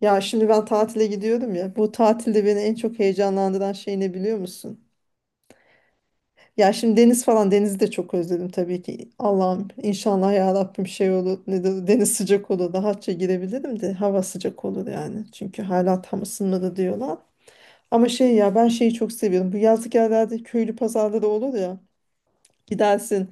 Ya şimdi ben tatile gidiyorum ya. Bu tatilde beni en çok heyecanlandıran şey ne biliyor musun? Ya şimdi deniz falan denizi de çok özledim tabii ki. Allah'ım inşallah ya Rabbim şey olur. Deniz sıcak olur. Rahatça girebilirim de hava sıcak olur yani. Çünkü hala tam ısınmadı diyorlar. Ama şey ya ben şeyi çok seviyorum. Bu yazlık yerlerde köylü pazarları olur ya. Gidersin.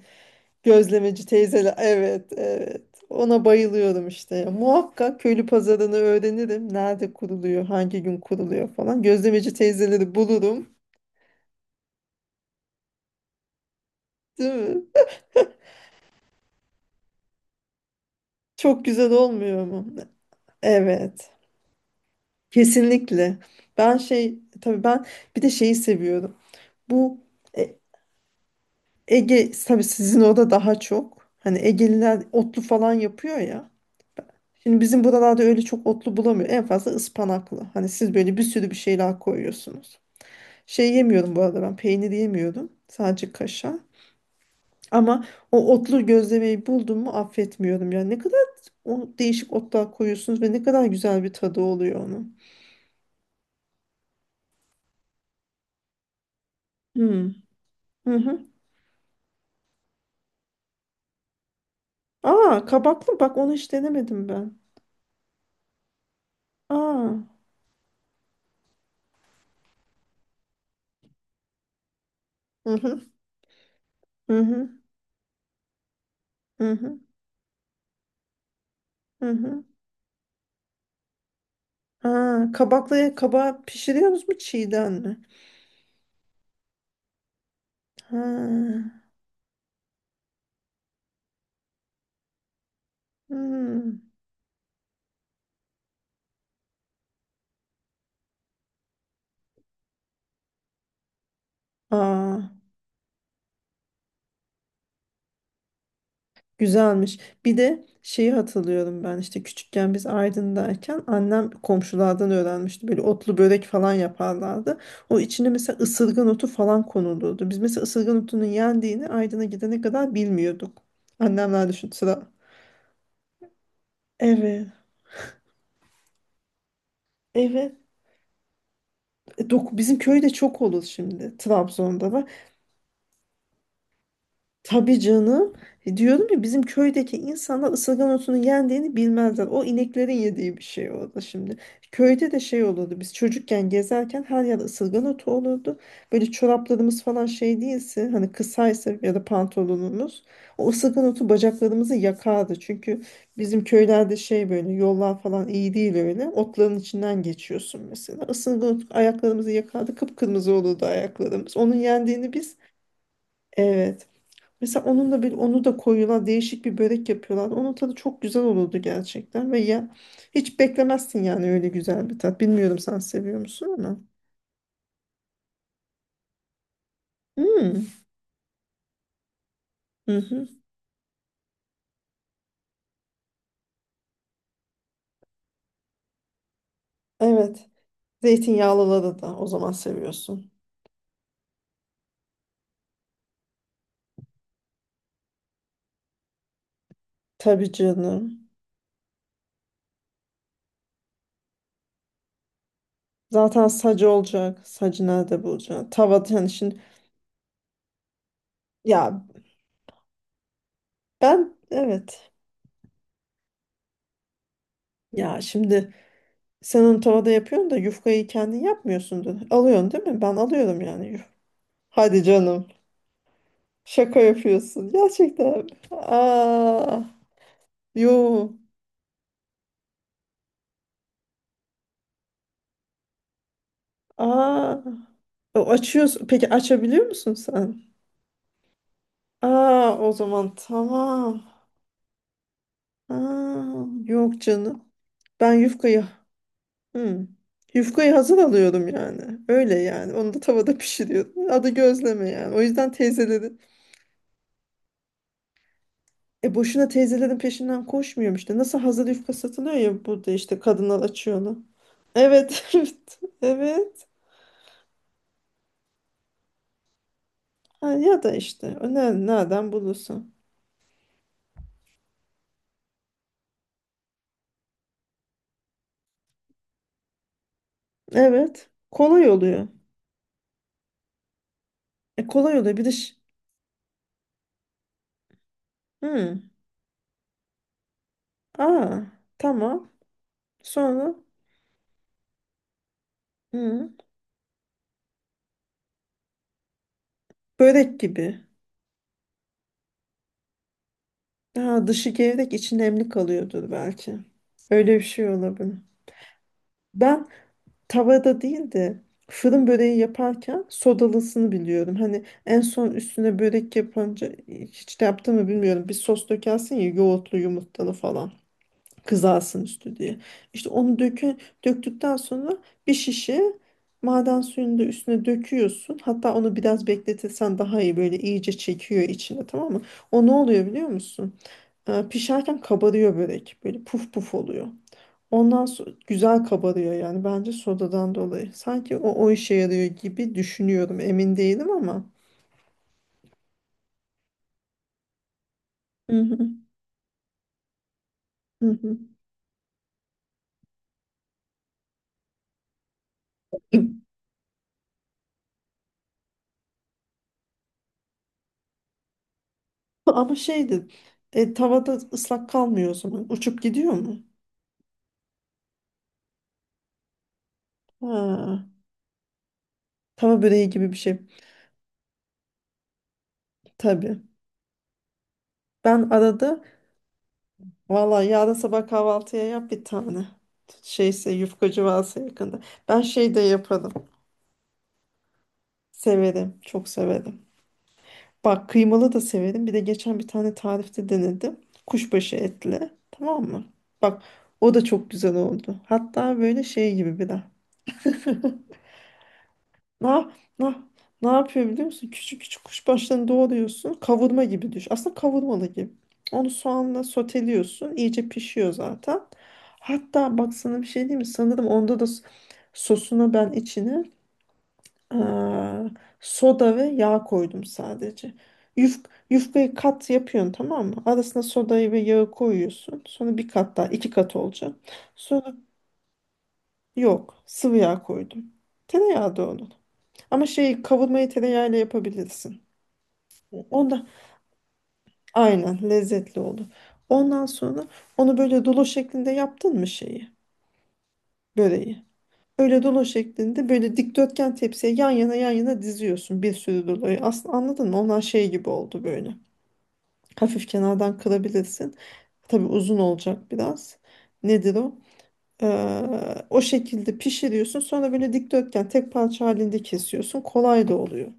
Gözlemeci teyzeler. Evet, evet. Ona bayılıyorum işte ya. Muhakkak köylü pazarını öğrenirim. Nerede kuruluyor, hangi gün kuruluyor falan. Gözlemeci teyzeleri bulurum. Değil mi? Çok güzel olmuyor mu? Evet. Kesinlikle. Ben şey tabii ben bir de şeyi seviyorum. Bu E- Ege tabii sizin orada daha çok. Hani Egeliler otlu falan yapıyor ya. Şimdi bizim buralarda öyle çok otlu bulamıyor. En fazla ıspanaklı. Hani siz böyle bir sürü bir şeyler koyuyorsunuz. Şey yemiyorum bu arada ben peynir yemiyorum. Sadece kaşar. Ama o otlu gözlemeyi buldum mu affetmiyorum. Yani ne kadar o değişik otlar koyuyorsunuz ve ne kadar güzel bir tadı oluyor onun. Hmm. Hı hı. Aa kabaklı bak onu hiç denemedim ben. Aa. Hı hı. Hı hı. Hı hı. Hı hı. Aa, kabaklıya kabağı pişiriyorsunuz mu çiğden mi? Ha. Hmm. Aa. Güzelmiş. Bir de şeyi hatırlıyorum ben işte küçükken biz Aydın'dayken annem komşulardan öğrenmişti. Böyle otlu börek falan yaparlardı. O içine mesela ısırgan otu falan konulurdu. Biz mesela ısırgan otunun yendiğini Aydın'a gidene kadar bilmiyorduk. Annemler düşün sıra. Evet. Evet. E, bizim köyde çok olur şimdi. Trabzon'da var. Tabii canım. E, diyorum ya bizim köydeki insanlar ısırgan otunun yendiğini bilmezler. O ineklerin yediği bir şey orada şimdi. Köyde de şey olurdu. Biz çocukken gezerken her yer ısırgan otu olurdu. Böyle çoraplarımız falan şey değilse hani kısaysa ya da pantolonumuz o ısırgan otu bacaklarımızı yakardı. Çünkü bizim köylerde şey böyle yollar falan iyi değil öyle. Otların içinden geçiyorsun mesela. Isırgan otu ayaklarımızı yakardı. Kıpkırmızı olurdu ayaklarımız. Onun yendiğini biz. Evet. Mesela onun da bir onu da koyuyorlar değişik bir börek yapıyorlar. Onun tadı çok güzel olurdu gerçekten ve ya hiç beklemezsin yani öyle güzel bir tat. Bilmiyorum sen seviyor musun ama. Hmm. Hı hı. Evet. Zeytinyağlıları da o zaman seviyorsun. Tabii canım. Zaten sacı olacak. Sacı nerede bulacaksın? Tavada yani şimdi, ya ben, evet. Ya şimdi sen onu tavada yapıyorsun da yufkayı kendin yapmıyorsundur. Alıyorsun değil mi? Ben alıyorum yani. Hadi canım. Şaka yapıyorsun. Gerçekten mi? Aa, yo. Aa. O açıyorsun. Peki açabiliyor musun sen? Aa, o zaman tamam. Aa, yok canım. Ben yufkayı . Hmm. Yufkayı hazır alıyordum yani. Öyle yani. Onu da tavada pişiriyordum. Adı gözleme yani. O yüzden teyzelerin e boşuna teyzelerin peşinden koşmuyorum işte. Nasıl hazır yufka satılıyor ya burada işte kadınlar açıyor onu. Evet. Evet. Evet. Ha, ya da işte o nereden bulursun. Evet. Kolay oluyor. E, kolay oluyor. Bir de ş-. Hı. Aa, tamam. Sonra. Hı. Börek gibi. Ha, dışı gevrek içi nemli kalıyordur belki. Öyle bir şey olabilir. Ben tavada değil de fırın böreği yaparken sodalısını biliyorum. Hani en son üstüne börek yapınca hiç de yaptığımı bilmiyorum. Bir sos dökersin ya yoğurtlu yumurtalı falan. Kızarsın üstü diye. İşte onu döktükten sonra bir şişe maden suyunu da üstüne döküyorsun. Hatta onu biraz bekletirsen daha iyi böyle iyice çekiyor içine tamam mı? O ne oluyor biliyor musun? Pişerken kabarıyor börek. Böyle puf puf oluyor. Ondan sonra güzel kabarıyor yani bence sodadan dolayı. Sanki o işe yarıyor gibi düşünüyorum. Emin değilim ama. Hı hı, hı hı. Ama şeydi, tavada ıslak kalmıyor o zaman. Uçup gidiyor mu? Ha. Tava böreği gibi bir şey. Tabii. Ben arada valla yarın sabah kahvaltıya yap bir tane. Şeyse yufkacı varsa yakında. Ben şey de yaparım. Severim. Çok severim. Bak kıymalı da severim. Bir de geçen bir tane tarifte denedim. Kuşbaşı etli. Tamam mı? Bak o da çok güzel oldu. Hatta böyle şey gibi bir de. Ne, yap- ne, ne yapıyor biliyor musun? Küçük küçük kuşbaşlarını doğruyorsun. Kavurma gibi düş. Aslında kavurmalı gibi. Onu soğanla soteliyorsun. İyice pişiyor zaten. Hatta bak sana bir şey diyeyim mi? Sanırım onda da sosuna ben içine eee, soda ve yağ koydum sadece. Yuf, Yufkayı kat yapıyorsun tamam mı? Arasına sodayı ve yağı koyuyorsun. Sonra bir kat daha iki kat olacak. Sonra yok sıvı yağ koydum. Tereyağı da onun. Ama şeyi kavurmayı tereyağıyla yapabilirsin. Onda aynen lezzetli olur. Ondan sonra onu böyle dolu şeklinde yaptın mı şeyi, böreği? Öyle dolu şeklinde böyle dikdörtgen tepsiye yan yana yan yana diziyorsun bir sürü doluyu. Aslında anladın mı? Onlar şey gibi oldu böyle. Hafif kenardan kırabilirsin. Tabii uzun olacak biraz. Nedir o? O şekilde pişiriyorsun. Sonra böyle dikdörtgen tek parça halinde kesiyorsun. Kolay da oluyor.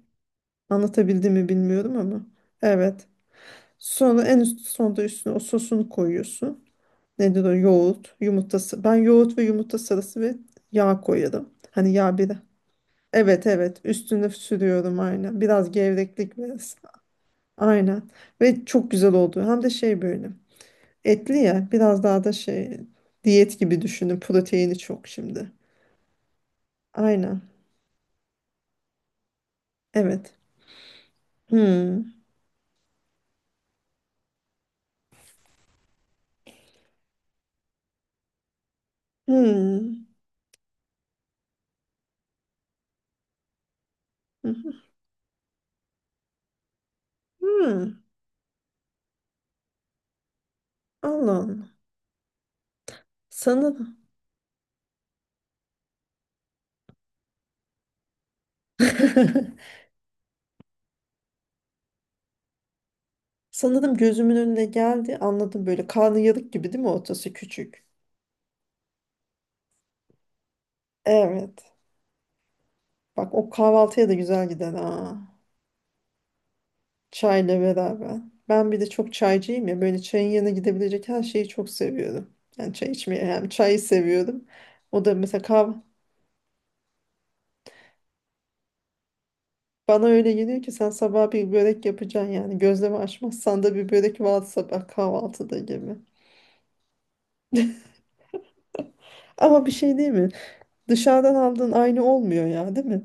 Anlatabildim mi bilmiyorum ama. Evet. Sonra en üst sonda üstüne o sosunu koyuyorsun. Nedir o? Yoğurt, yumurtası. Ben yoğurt ve yumurta sarısı ve yağ koyarım. Hani yağ bir. Evet, evet, üstüne sürüyorum aynen. Biraz gevreklik verirsin. Aynen. Ve çok güzel oldu. Hem de şey böyle. Etli ya biraz daha da şey diyet gibi düşünün. Proteini çok şimdi. Aynen. Evet. Hmm. Hmm. Hmm. Hmm. Allah Allah. Sanırım. Sanırım gözümün önüne geldi. Anladım böyle karnıyarık gibi değil mi ortası küçük? Evet. Bak o kahvaltıya da güzel gider ha. Çayla beraber. Ben bir de çok çaycıyım ya. Böyle çayın yanına gidebilecek her şeyi çok seviyorum. Yani çay içmeyi hem çayı seviyorum. O da mesela kahve. Bana öyle geliyor ki sen sabah bir börek yapacaksın yani. Gözleme açmazsan da bir börek var sabah kahvaltıda gibi. Ama bir şey değil mi? Dışarıdan aldığın aynı olmuyor ya değil mi?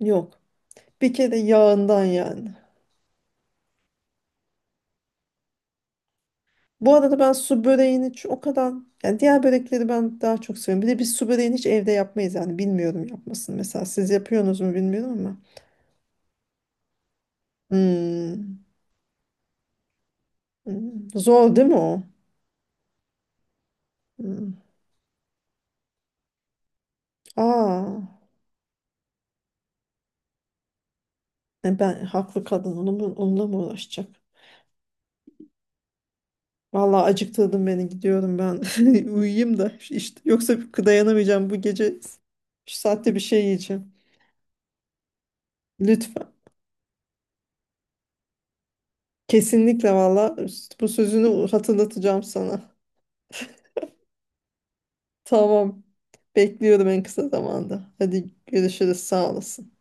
Yok. Bir kere yağından yani. Bu arada ben su böreğini o kadar yani diğer börekleri ben daha çok seviyorum. Bir de biz su böreğini hiç evde yapmayız yani bilmiyorum yapmasını. Mesela siz yapıyorsunuz mu bilmiyorum ama. Hmm. Hmm. Zor değil mi o? Hmm. Aa, ben haklı kadın onu mu, onunla mı uğraşacak? Vallahi acıktırdın beni gidiyorum ben uyuyayım da işte yoksa dayanamayacağım bu gece şu saatte bir şey yiyeceğim. Lütfen. Kesinlikle valla bu sözünü hatırlatacağım sana. Tamam. Bekliyorum en kısa zamanda. Hadi görüşürüz. Sağ olasın.